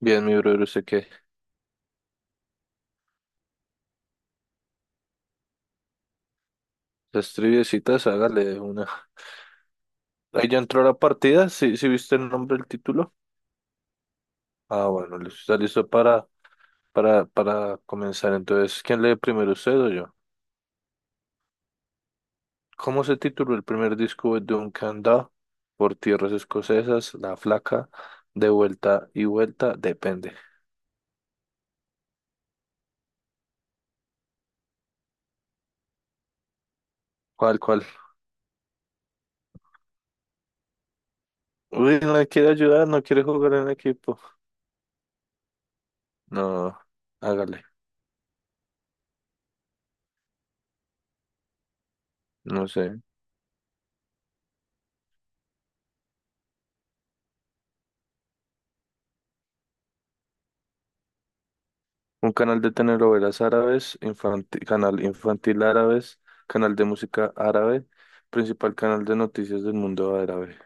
Bien, mi brother, usted que las triviecitas, hágale de una. Ahí ya entró la partida, ¿sí, sí viste el nombre del título? Ah, bueno, listo, está listo para comenzar. Entonces, ¿quién lee primero, usted o yo? ¿Cómo se tituló el primer disco de Duncan Dhu? Por tierras escocesas, La Flaca, De vuelta y vuelta, depende. ¿Cuál, cuál? Uy, no quiere ayudar, no quiere jugar en equipo. No, hágale, no sé. Un canal de telenovelas árabes, canal infantil árabes, canal de música árabe, principal canal de noticias del mundo árabe.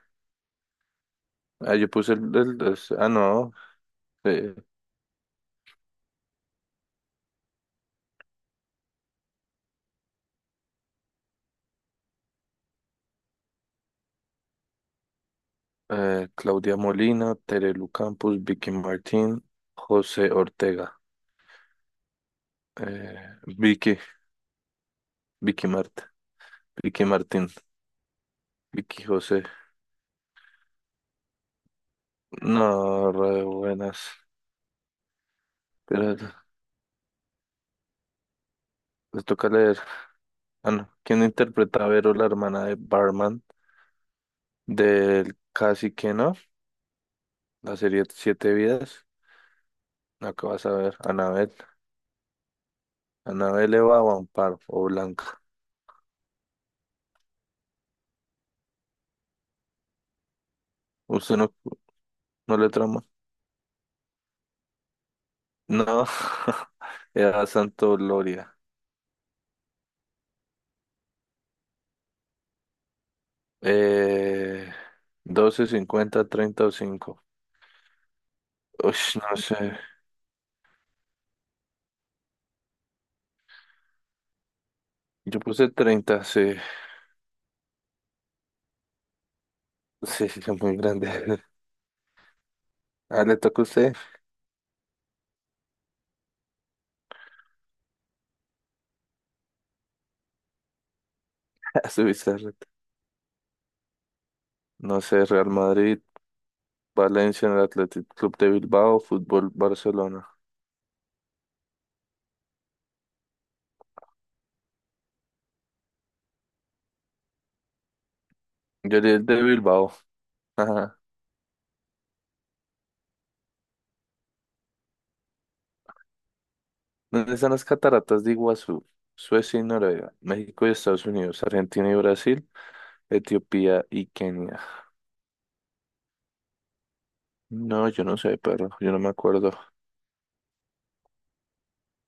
Ah, yo puse ah, no, eh, Claudia Molina, Terelu Campos, Vicky Martín, José Ortega, eh, Vicky, Vicky Mart, Vicky Martín, Vicky José. No, re buenas. Pero les toca leer. Ah, no. ¿Quién interpreta a Vero, la hermana de Barman del Cacique, no? La serie Siete Vidas, la que vas a ver, Anabel. Anabel Eva o Amparo o Blanca. ¿Usted no, no le trama? No, era Santo Gloria. Eh, 12, 50, 30 o cinco. Uy, no sé. Yo puse 30, sí. Sí, sí, es muy grande. Ah, le toca a usted. A su bizarro. No sé, Real Madrid, Valencia en el Athletic Club de Bilbao, Fútbol Barcelona. Yo di el de Bilbao. ¿Dónde están las cataratas de Iguazú? Suecia y Noruega, México y Estados Unidos, Argentina y Brasil, Etiopía y Kenia. No, yo no sé, perro, yo no me acuerdo.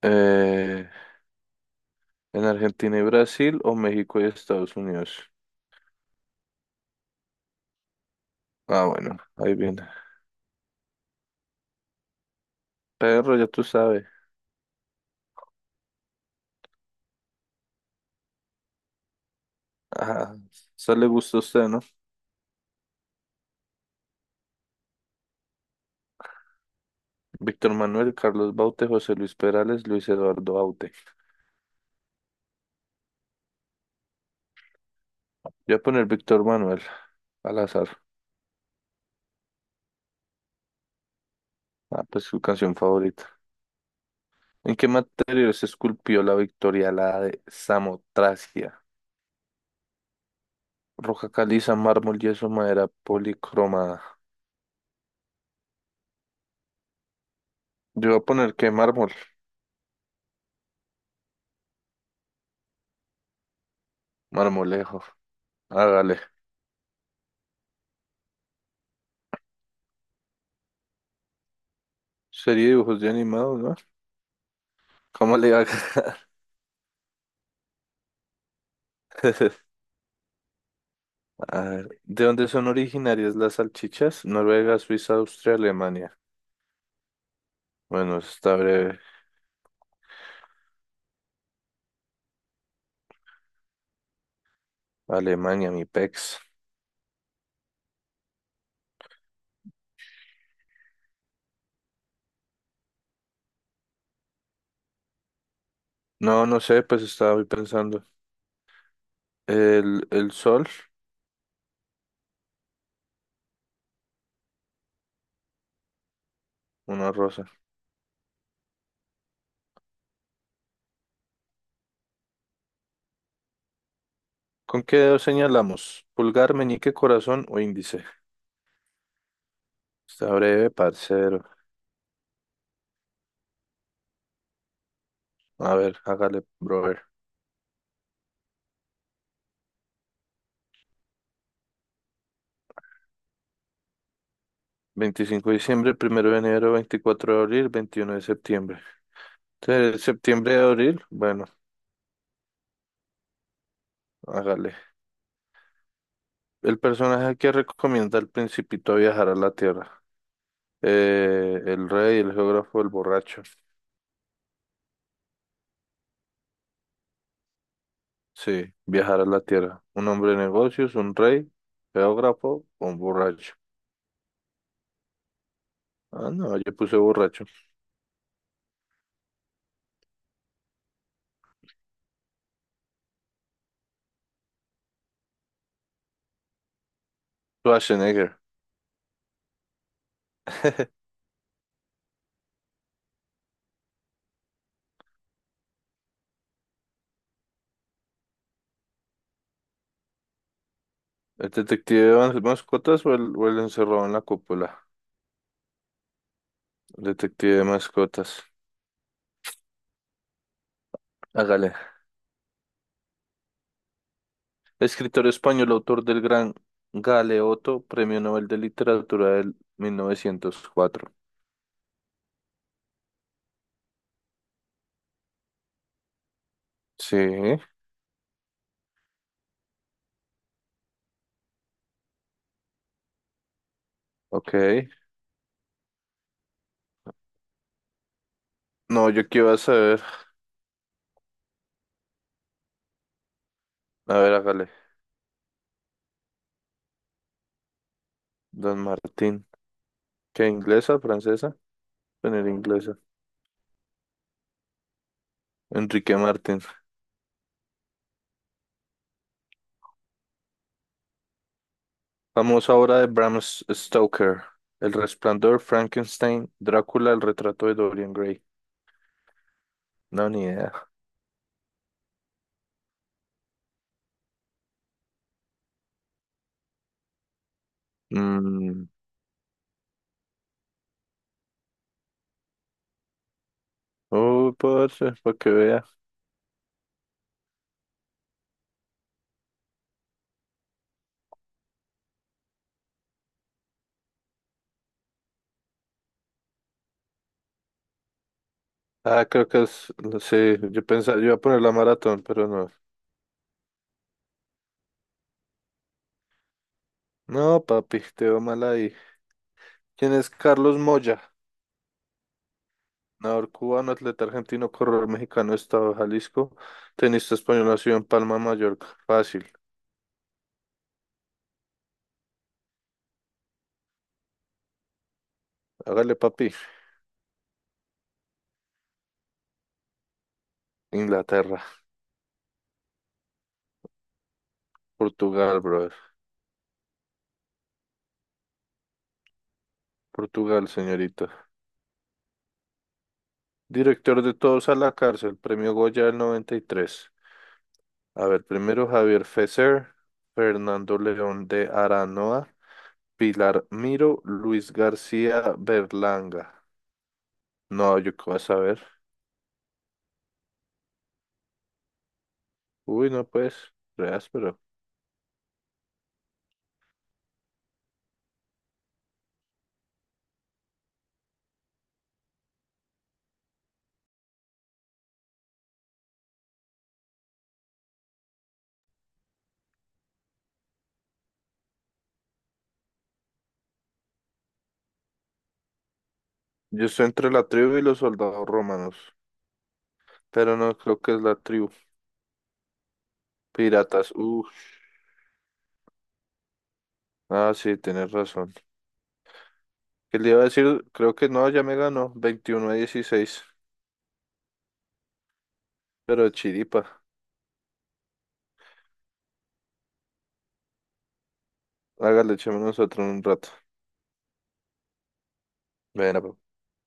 Eh, ¿En Argentina y Brasil o México y Estados Unidos? Ah, bueno, ahí viene. Perro, ya tú sabes. Ajá, eso le gusta a usted, ¿no? Víctor Manuel, Carlos Baute, José Luis Perales, Luis Eduardo Aute. Yo voy a poner Víctor Manuel al azar. Ah, pues su canción favorita. ¿En qué material se esculpió la Victoria la de Samotracia? Roca caliza, mármol, yeso, madera policromada. Yo voy a poner que mármol, marmolejo. Hágale. Sería dibujos de animados, ¿no? ¿Cómo le va a ganar? A ver, ¿de dónde son originarias las salchichas? Noruega, Suiza, Austria, Alemania. Bueno, eso está breve. Alemania, mi pex. No, no sé, pues estaba ahí pensando. El sol, una rosa. ¿Con qué dedo señalamos? ¿Pulgar, meñique, corazón o índice? Está breve, parcero. A ver, hágale, brother. 25 de diciembre, primero de enero, 24 de abril, 21 de septiembre. ¿Septiembre de abril? Bueno, hágale. El personaje que recomienda al principito a viajar a la Tierra. El rey, el geógrafo, el borracho. Sí, viajar a la Tierra. Un hombre de negocios, un rey, geógrafo o un borracho. Ah, no, yo puse borracho. Schwarzenegger. ¿El detective de mascotas o el encerrado en la cúpula? El detective de mascotas. Hágale. Escritor español, autor del gran Galeoto, Premio Nobel de Literatura del 1904. Sí, ok. No, yo qué iba a saber. A ver, hágale. Don Martín. ¿Qué, inglesa, francesa? Poner inglesa. Enrique Martín. Famosa obra de Bram Stoker. El Resplandor, Frankenstein, Drácula, el retrato de Dorian Gray. No, ni idea. Mm. Oh, parce, para que vea. Ah, creo que es, sí, yo pensaba, yo iba a poner la maratón, pero no. No, papi, te veo mal ahí. ¿Quién es Carlos Moya? Nadador cubano, atleta argentino, corredor mexicano, Estado de Jalisco, tenista español, nacido en Palma, Mallorca. Fácil. Hágale, papi. Inglaterra, Portugal, brother. Portugal, señorita. Director de Todos a la cárcel, premio Goya del 93. A ver, primero Javier Fesser, Fernando León de Aranoa. Pilar Miro, Luis García Berlanga. No, yo qué vas a ver. Uy, no pues, re áspero. Yo estoy entre la tribu y los soldados romanos, pero no creo que es la tribu. Piratas, uff. Ah, sí, tienes razón. ¿Qué le iba a decir? Creo que no, ya me ganó. 21-16. Pero chiripa. Hágale, echémonos otro en un rato. Venga,